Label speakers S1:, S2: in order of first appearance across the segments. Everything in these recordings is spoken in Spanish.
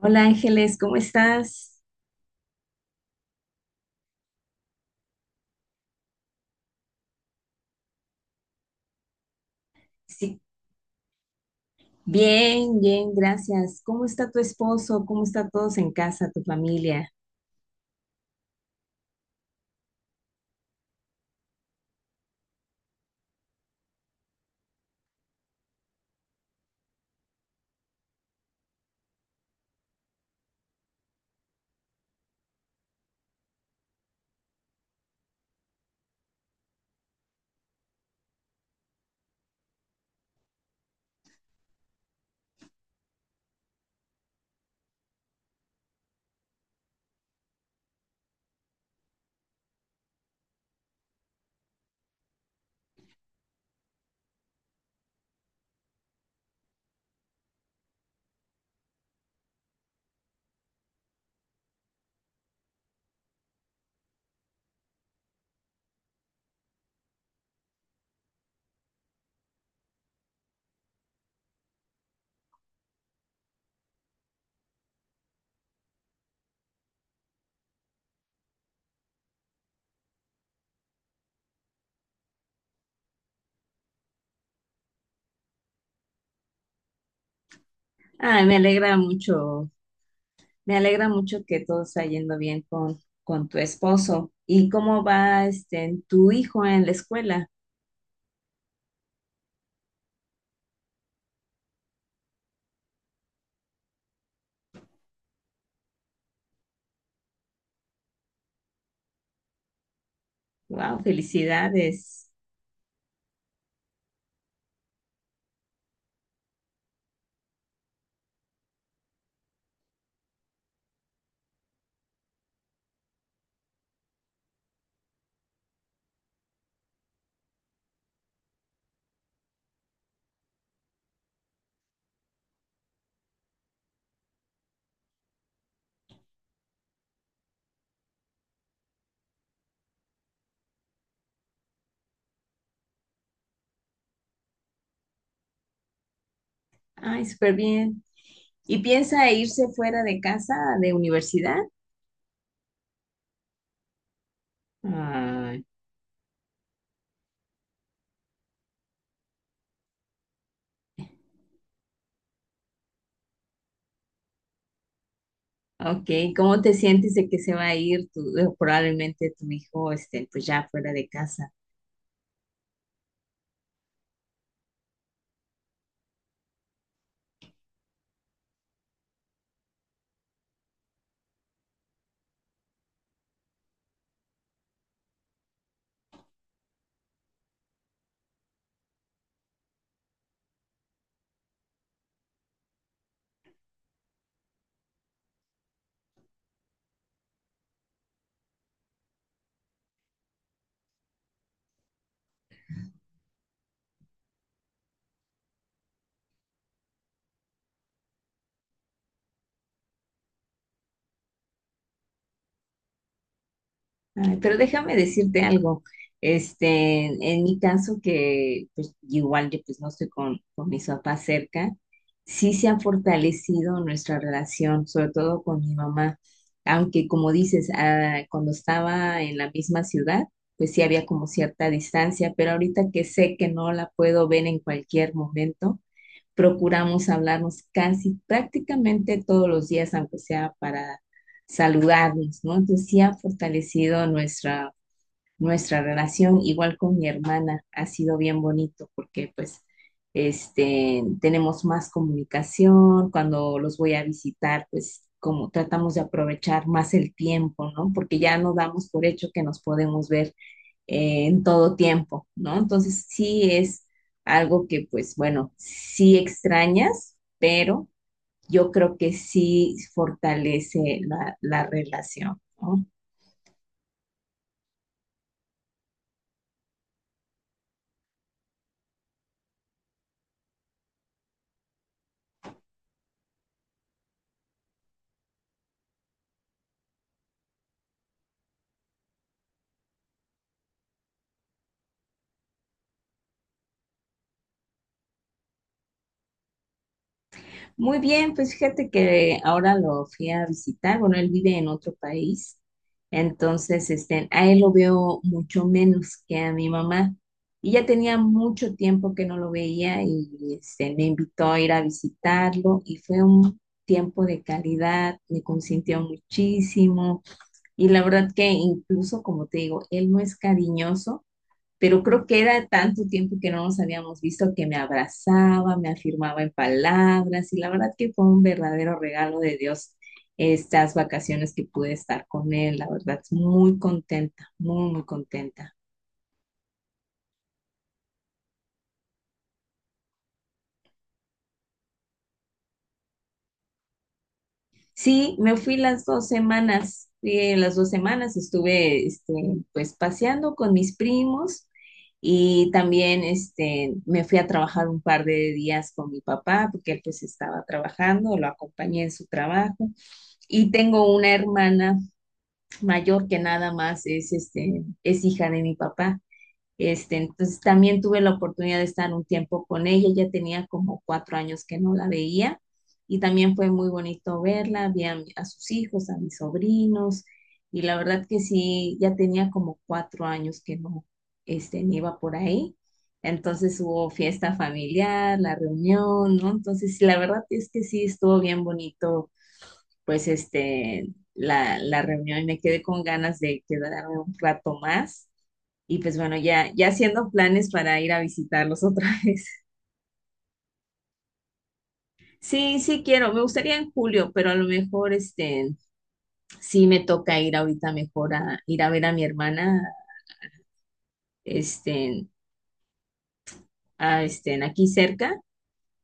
S1: Hola Ángeles, ¿cómo estás? Sí, bien, bien, gracias. ¿Cómo está tu esposo? ¿Cómo está todos en casa, tu familia? Ah, me alegra mucho que todo está yendo bien con tu esposo. ¿Y cómo va tu hijo en la escuela? Wow, felicidades. Ay, súper bien. ¿Y piensa irse fuera de casa, de universidad? Ah, ok, ¿cómo te sientes de que se va a ir probablemente tu hijo, pues ya fuera de casa? Ay, pero déjame decirte algo. En mi caso, que pues igual yo pues no estoy con mis papás cerca, sí se ha fortalecido nuestra relación, sobre todo con mi mamá. Aunque como dices, ah, cuando estaba en la misma ciudad, pues sí había como cierta distancia, pero ahorita que sé que no la puedo ver en cualquier momento, procuramos hablarnos casi prácticamente todos los días, aunque sea para saludarnos, ¿no? Entonces sí ha fortalecido nuestra relación, igual con mi hermana, ha sido bien bonito porque pues tenemos más comunicación, cuando los voy a visitar, pues como tratamos de aprovechar más el tiempo, ¿no? Porque ya no damos por hecho que nos podemos ver en todo tiempo, ¿no? Entonces sí es algo que, pues bueno, sí extrañas, pero yo creo que sí fortalece la relación, ¿no? Muy bien, pues fíjate que ahora lo fui a visitar, bueno, él vive en otro país, entonces a él lo veo mucho menos que a mi mamá. Y ya tenía mucho tiempo que no lo veía y me invitó a ir a visitarlo y fue un tiempo de calidad, me consintió muchísimo y la verdad que incluso, como te digo, él no es cariñoso pero creo que era tanto tiempo que no nos habíamos visto que me abrazaba, me afirmaba en palabras y la verdad que fue un verdadero regalo de Dios estas vacaciones que pude estar con él, la verdad, muy contenta, muy, muy contenta. Sí, me fui las dos semanas estuve pues paseando con mis primos y también me fui a trabajar un par de días con mi papá porque él pues estaba trabajando, lo acompañé en su trabajo. Y tengo una hermana mayor que nada más es hija de mi papá. Entonces también tuve la oportunidad de estar un tiempo con ella. Ya tenía como 4 años que no la veía y también fue muy bonito verla. Vi a sus hijos, a mis sobrinos y la verdad que sí, ya tenía como 4 años que no, me iba por ahí. Entonces hubo fiesta familiar, la reunión, ¿no? Entonces la verdad es que sí estuvo bien bonito pues la reunión y me quedé con ganas de quedarme un rato más. Y pues bueno, ya, ya haciendo planes para ir a visitarlos otra vez. Sí, sí quiero, me gustaría en julio, pero a lo mejor sí me toca ir ahorita mejor a ir a ver a mi hermana, este a este aquí cerca.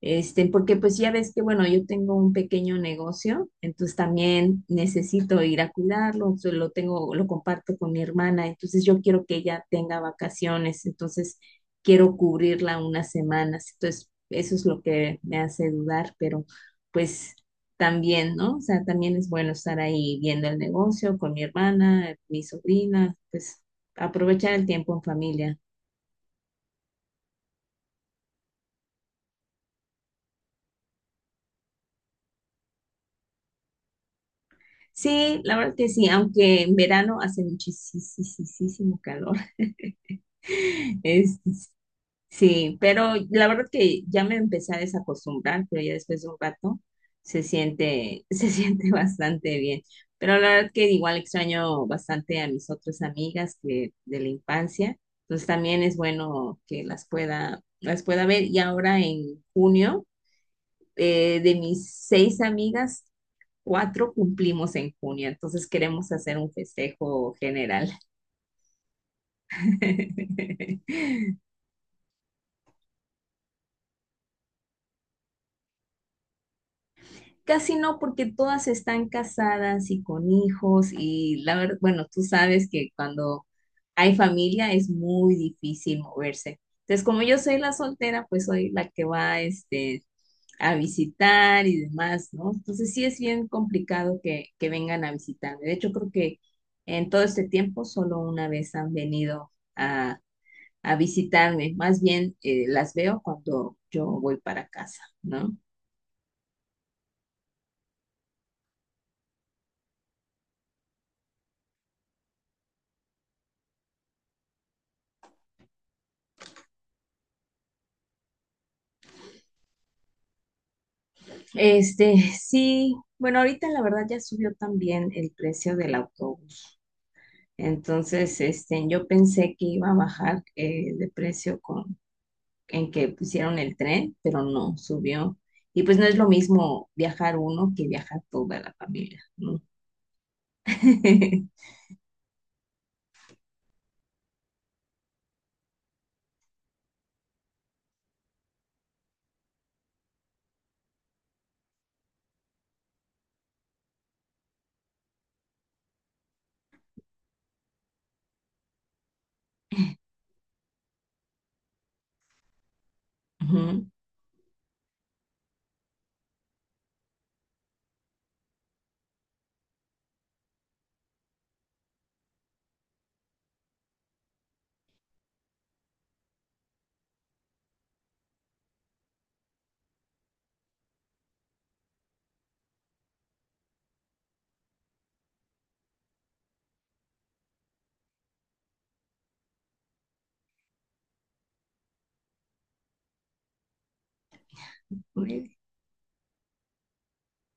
S1: Porque pues ya ves que, bueno, yo tengo un pequeño negocio, entonces también necesito ir a cuidarlo, entonces lo tengo, lo comparto con mi hermana, entonces yo quiero que ella tenga vacaciones, entonces quiero cubrirla unas semanas, entonces eso es lo que me hace dudar, pero pues también, ¿no? O sea, también es bueno estar ahí viendo el negocio con mi hermana, mi sobrina, pues aprovechar el tiempo en familia. Sí, la verdad que sí, aunque en verano hace muchísimo calor. Es- sí, pero la verdad que ya me empecé a desacostumbrar, pero ya después de un rato se siente, se siente bastante bien. Pero la verdad que igual extraño bastante a mis otras amigas que de la infancia, entonces también es bueno que las pueda ver. Y ahora en junio, de mis seis amigas, cuatro cumplimos en junio, entonces queremos hacer un festejo general. Casi no, porque todas están casadas y con hijos y la verdad, bueno, tú sabes que cuando hay familia es muy difícil moverse. Entonces, como yo soy la soltera, pues soy la que va, a visitar y demás, ¿no? Entonces sí es bien complicado que vengan a visitarme. De hecho, creo que en todo este tiempo solo una vez han venido a visitarme, más bien las veo cuando yo voy para casa, ¿no? Sí, bueno, ahorita la verdad ya subió también el precio del autobús, entonces, yo pensé que iba a bajar de precio con, en que pusieron el tren, pero no, subió. Y pues no es lo mismo viajar uno que viajar toda la familia, ¿no?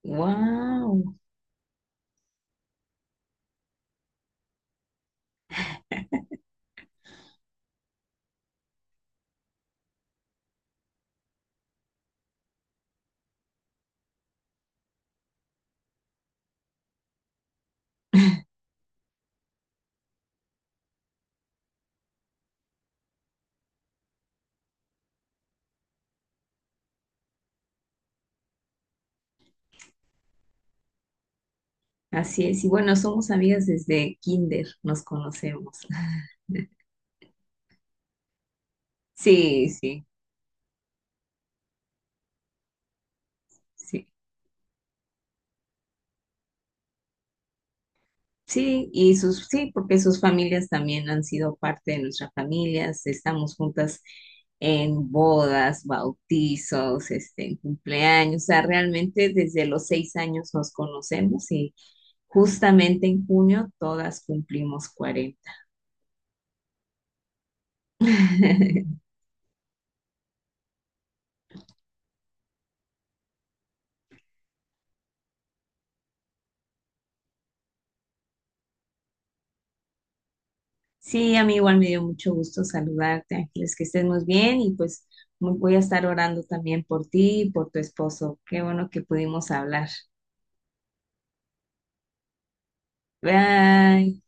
S1: Wow, así es. Y bueno, somos amigas desde kinder, nos conocemos. Sí, sí, sí, sí, y sí, porque sus familias también han sido parte de nuestras familias, estamos juntas en bodas, bautizos, en cumpleaños, o sea, realmente desde los 6 años nos conocemos y justamente en junio todas cumplimos 40. Sí, a mí igual me dio mucho gusto saludarte, Ángeles, que estés muy bien y pues voy a estar orando también por ti y por tu esposo. Qué bueno que pudimos hablar. Bye.